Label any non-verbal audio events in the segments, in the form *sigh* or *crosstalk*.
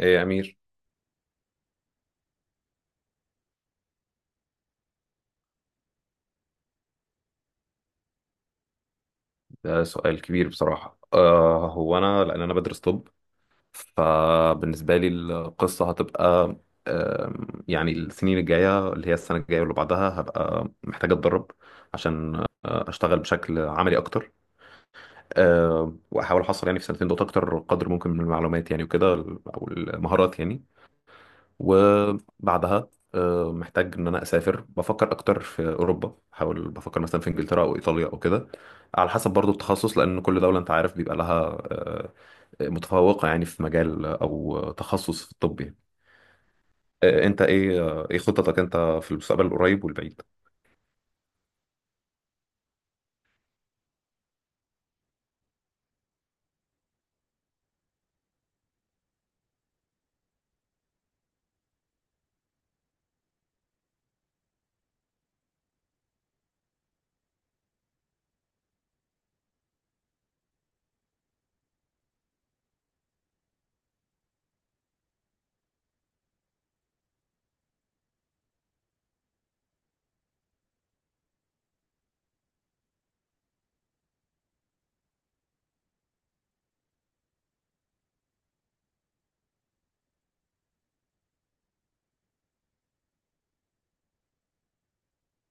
ايه يا امير. ده سؤال كبير بصراحه. هو انا لان انا بدرس طب، فبالنسبه لي القصه هتبقى، يعني السنين الجايه اللي هي السنه الجايه واللي بعدها هبقى محتاج اتدرب عشان اشتغل بشكل عملي اكتر. واحاول احصل يعني في سنتين دول اكتر قدر ممكن من المعلومات يعني، وكده، او المهارات يعني. وبعدها محتاج ان انا اسافر، بفكر اكتر في اوروبا، بحاول بفكر مثلا في انجلترا او ايطاليا او كده، على حسب برضو التخصص، لان كل دوله انت عارف بيبقى لها متفوقه يعني في مجال او تخصص في الطب يعني. آه، انت ايه آه، ايه خططك انت في المستقبل القريب والبعيد؟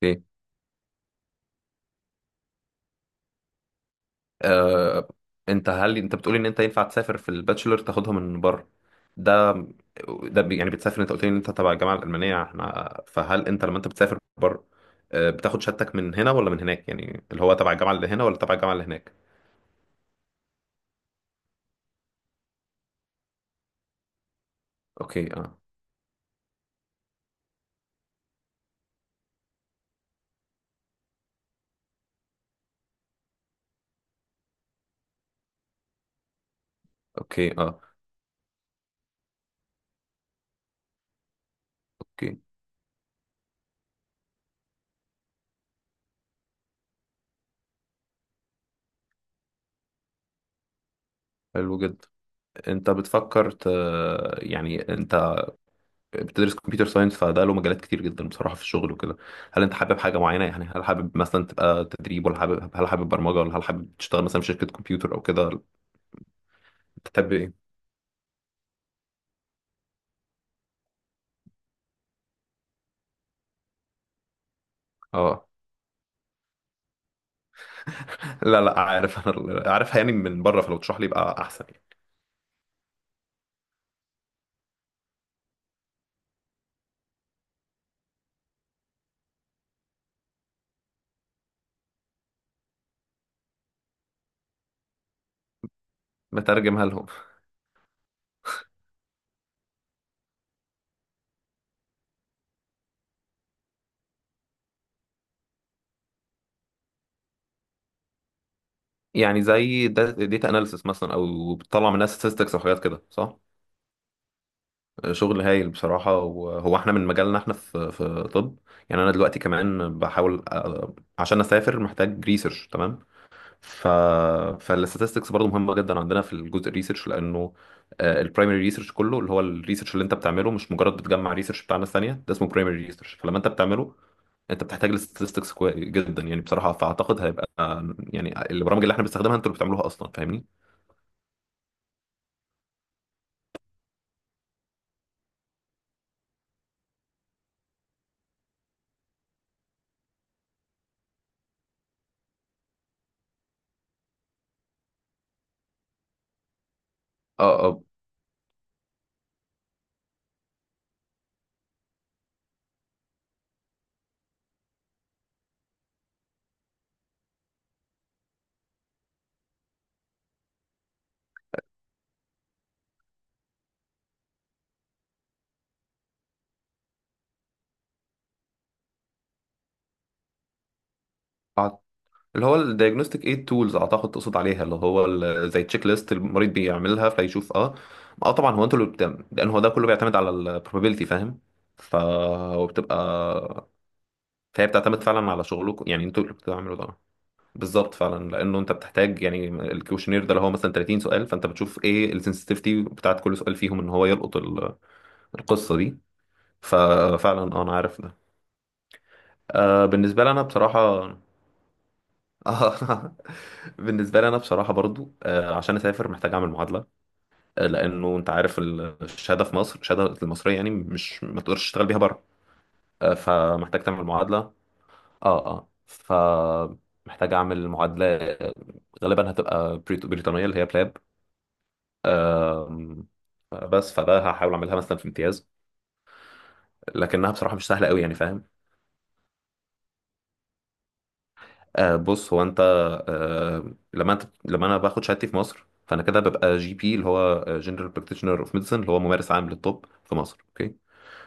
ايه. آه، انت هل انت بتقول ان انت ينفع تسافر في الباتشلر تاخدها من بره؟ ده ده يعني بتسافر، انت قلت لي ان انت تبع الجامعه الالمانيه، احنا، فهل انت لما انت بتسافر بره بتاخد شهادتك من هنا ولا من هناك؟ يعني اللي هو تبع الجامعه اللي هنا ولا تبع الجامعه اللي هناك؟ اوكي، اه، اوكي، اه، اوكي، حلو جدا. انت بتفكر ت... يعني انت بتدرس كمبيوتر ساينس، فده له مجالات كتير جدا بصراحة في الشغل وكده. هل انت حابب حاجة معينة؟ يعني هل حابب مثلا تبقى تدريب؟ ولا هل حابب برمجة؟ ولا هل حابب تشتغل مثلا في شركة كمبيوتر او كده؟ انت تحب ايه؟ اه، لا لا، عارف، انا عارفها يعني من بره، فلو تشرح لي يبقى احسن يعني. بترجمها لهم. يعني زي داتا اناليسس مثلا، او بتطلع منها statistics او حاجات كده، صح؟ شغل هايل بصراحة. وهو احنا من مجالنا، احنا في طب. يعني انا دلوقتي كمان بحاول عشان اسافر، محتاج ريسيرش، تمام. ف فالستاتستكس برضه مهمه جدا عندنا في الجزء الريسيرش، لانه البرايمري ريسيرش كله، اللي هو الريسيرش اللي انت بتعمله، مش مجرد بتجمع ريسيرش بتاع ناس ثانيه، ده اسمه برايمري ريسيرش، فلما انت بتعمله انت بتحتاج الستاتستكس جدا يعني بصراحه. فاعتقد هيبقى يعني البرامج اللي احنا بنستخدمها انتوا اللي بتعملوها اصلا، فاهمني؟ اه، اه. أع- اللي هو الدايجنوستيك ايد تولز، اعتقد تقصد عليها، اللي هو زي تشيك ليست المريض بيعملها فيشوف. اه. اه طبعا هو انتوا اللي لان هو ده كله بيعتمد على البروبابيلتي، فاهم؟ ف وبتبقى فهي بتعتمد فعلا على شغلكم، يعني انتوا اللي بتعملوا ده. بالظبط فعلا، لانه انت بتحتاج يعني الكوشنير ده اللي هو مثلا 30 سؤال، فانت بتشوف ايه السنسitivity بتاعت كل سؤال فيهم، ان هو يلقط القصه دي. ففعلا اه، انا عارف ده. بالنسبه لي انا بصراحه *laughs* بالنسبه لي انا بصراحه برضو عشان اسافر محتاج اعمل معادله. لانه انت عارف الشهاده في مصر، الشهاده المصريه، يعني مش، ما تقدرش تشتغل بيها بره. فمحتاج تعمل معادله. اه، اه، فمحتاج اعمل معادله، غالبا هتبقى بريطانيه، اللي هي بلاب. آم، بس فده هحاول اعملها مثلا في امتياز، لكنها بصراحه مش سهله قوي يعني، فاهم؟ بص، هو انت، لما انا باخد شهادتي في مصر، فانا كده ببقى جي بي، اللي هو جنرال براكتيشنر اوف ميديسن، اللي هو ممارس عام للطب في مصر، اوكي.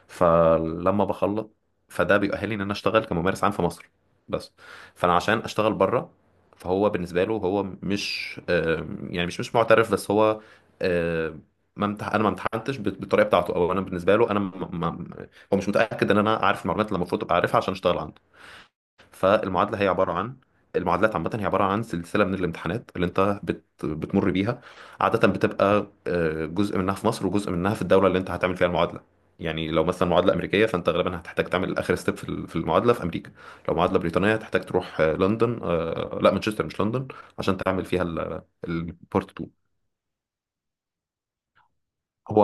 فلما بخلص فده بيؤهلني ان انا اشتغل كممارس عام في مصر بس. فانا عشان اشتغل بره، فهو بالنسبه له هو مش، يعني مش معترف، بس هو آه، ما امتح... انا ما امتحنتش بالطريقه بتاعته، او انا بالنسبه له انا، ما... ما... هو مش متاكد ان انا عارف المعلومات اللي المفروض ابقى عارفها عشان اشتغل عنده. فالمعادله هي عباره عن، المعادلات عامة هي عبارة عن سلسلة من الامتحانات اللي انت بتمر بيها. عادة بتبقى جزء منها في مصر وجزء منها في الدولة اللي انت هتعمل فيها المعادلة. يعني لو مثلا معادلة أمريكية، فانت غالبا هتحتاج تعمل آخر ستيب في في المعادلة في أمريكا. لو معادلة بريطانية هتحتاج تروح لندن، لا، مانشستر مش لندن، عشان تعمل فيها. البارت 2. هو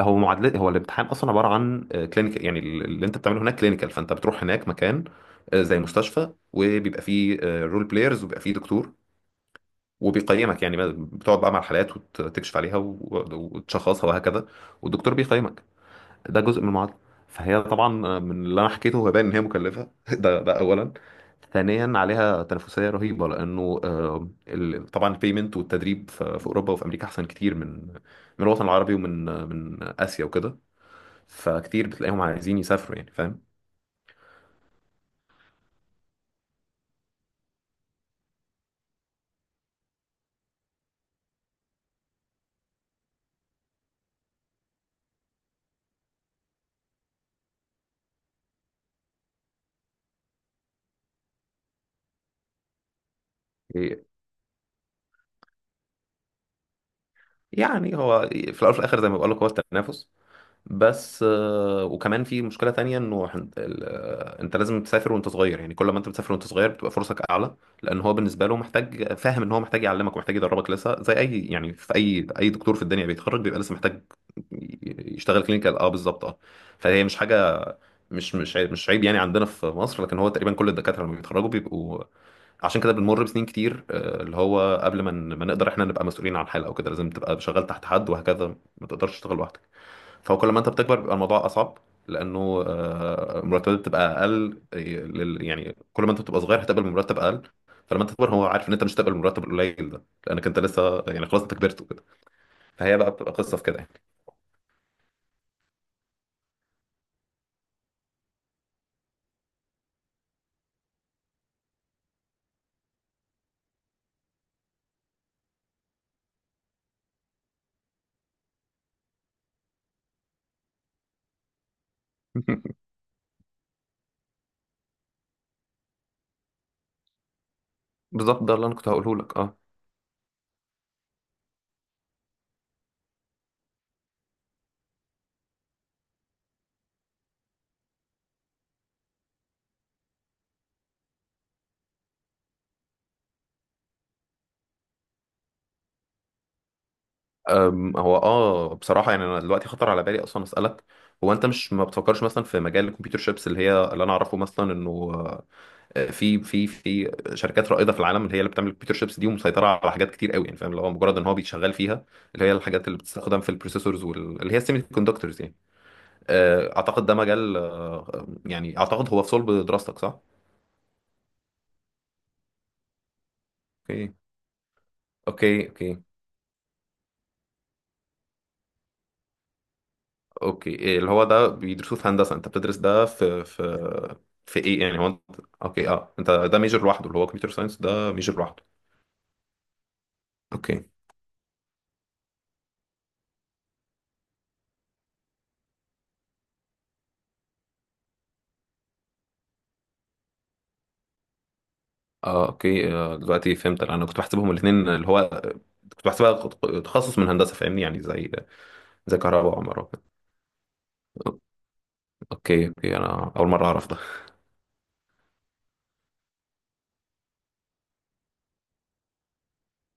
هو معادلة، هو الامتحان اصلا عباره عن كلينيكال، يعني اللي انت بتعمله هناك كلينيكال، فانت بتروح هناك مكان زي مستشفى، وبيبقى فيه رول بلايرز وبيبقى فيه دكتور وبيقيمك، يعني بتقعد بقى مع الحالات وتكشف عليها وتشخصها وهكذا. والدكتور بيقيمك. ده جزء من المعادله. فهي طبعا، من اللي انا حكيته هو باين ان هي مكلفه *laughs* ده اولا. ثانيا، عليها تنافسيه رهيبه، لانه طبعا البيمنت والتدريب في اوروبا وفي امريكا احسن كتير من الوطن العربي، ومن آه، من اسيا وكده. فكتير بتلاقيهم عايزين يسافروا يعني، فاهم؟ يعني هو في الاول وفي الاخر زي ما بقول لك، هو التنافس. بس وكمان في مشكله تانية، انه هن- ال- آه، انت لازم تسافر وانت صغير، يعني كل ما انت بتسافر وانت صغير بتبقى فرصك اعلى، لان هو بالنسبه له محتاج، فاهم، ان هو محتاج يعلمك ومحتاج يدربك لسه، زي اي، يعني في اي دكتور في الدنيا بيتخرج بيبقى لسه محتاج يشتغل كلينيكال. اه بالظبط، اه. فهي مش حاجه، مش عيب يعني عندنا في مصر، لكن هو تقريبا كل الدكاتره لما بيتخرجوا بيبقوا، عشان كده بنمر بسنين كتير اللي هو قبل ما ما نقدر احنا نبقى مسؤولين عن حالة او كده، لازم تبقى شغال تحت حد وهكذا، ما تقدرش تشتغل لوحدك. فكل ما انت بتكبر بيبقى الموضوع اصعب، لانه مرتبات بتبقى اقل، يعني كل ما انت بتبقى صغير هتقبل مرتب اقل، فلما انت تكبر هو عارف ان انت مش هتقبل المرتب القليل ده، لانك انت لسه يعني، خلاص، انت كبرت وكده. فهي بقى بتبقى قصة في كده يعني. *laughs* بالظبط، ده اللي انا كنت هقوله لك، اه. هو، اه، بصراحة يعني انا دلوقتي خطر على بالي اصلا اسألك، هو انت مش ما بتفكرش مثلا في مجال الكمبيوتر شيبس، اللي هي اللي انا اعرفه مثلا انه في في شركات رائدة في العالم اللي هي اللي بتعمل الكمبيوتر شيبس دي، ومسيطرة على حاجات كتير قوي، يعني فاهم، اللي هو مجرد ان هو بيتشغل فيها، اللي هي الحاجات اللي بتستخدم في البروسيسورز واللي هي السيمي كوندكتورز يعني. اعتقد ده مجال، يعني اعتقد هو في صلب دراستك، صح؟ اوكي، اوكي، اوكي، اوكي، إيه اللي هو ده بيدرسوه في هندسه؟ انت بتدرس ده في في ايه؟ يعني هو انت، اوكي، اه، انت ده ميجر لوحده، اللي هو كمبيوتر ساينس ده ميجر لوحده. اوكي، اه، اوكي، دلوقتي فهمت، انا كنت بحسبهم الاثنين اللي هو، كنت بحسبها تخصص من هندسه، فاهمني؟ يعني زي كهرباء وعمارة. اوكي، اوكي، انا اول مره اعرف ده.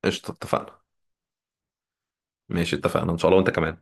قشطه، اتفقنا. ماشي، اتفقنا ان شاء الله، وانت كمان.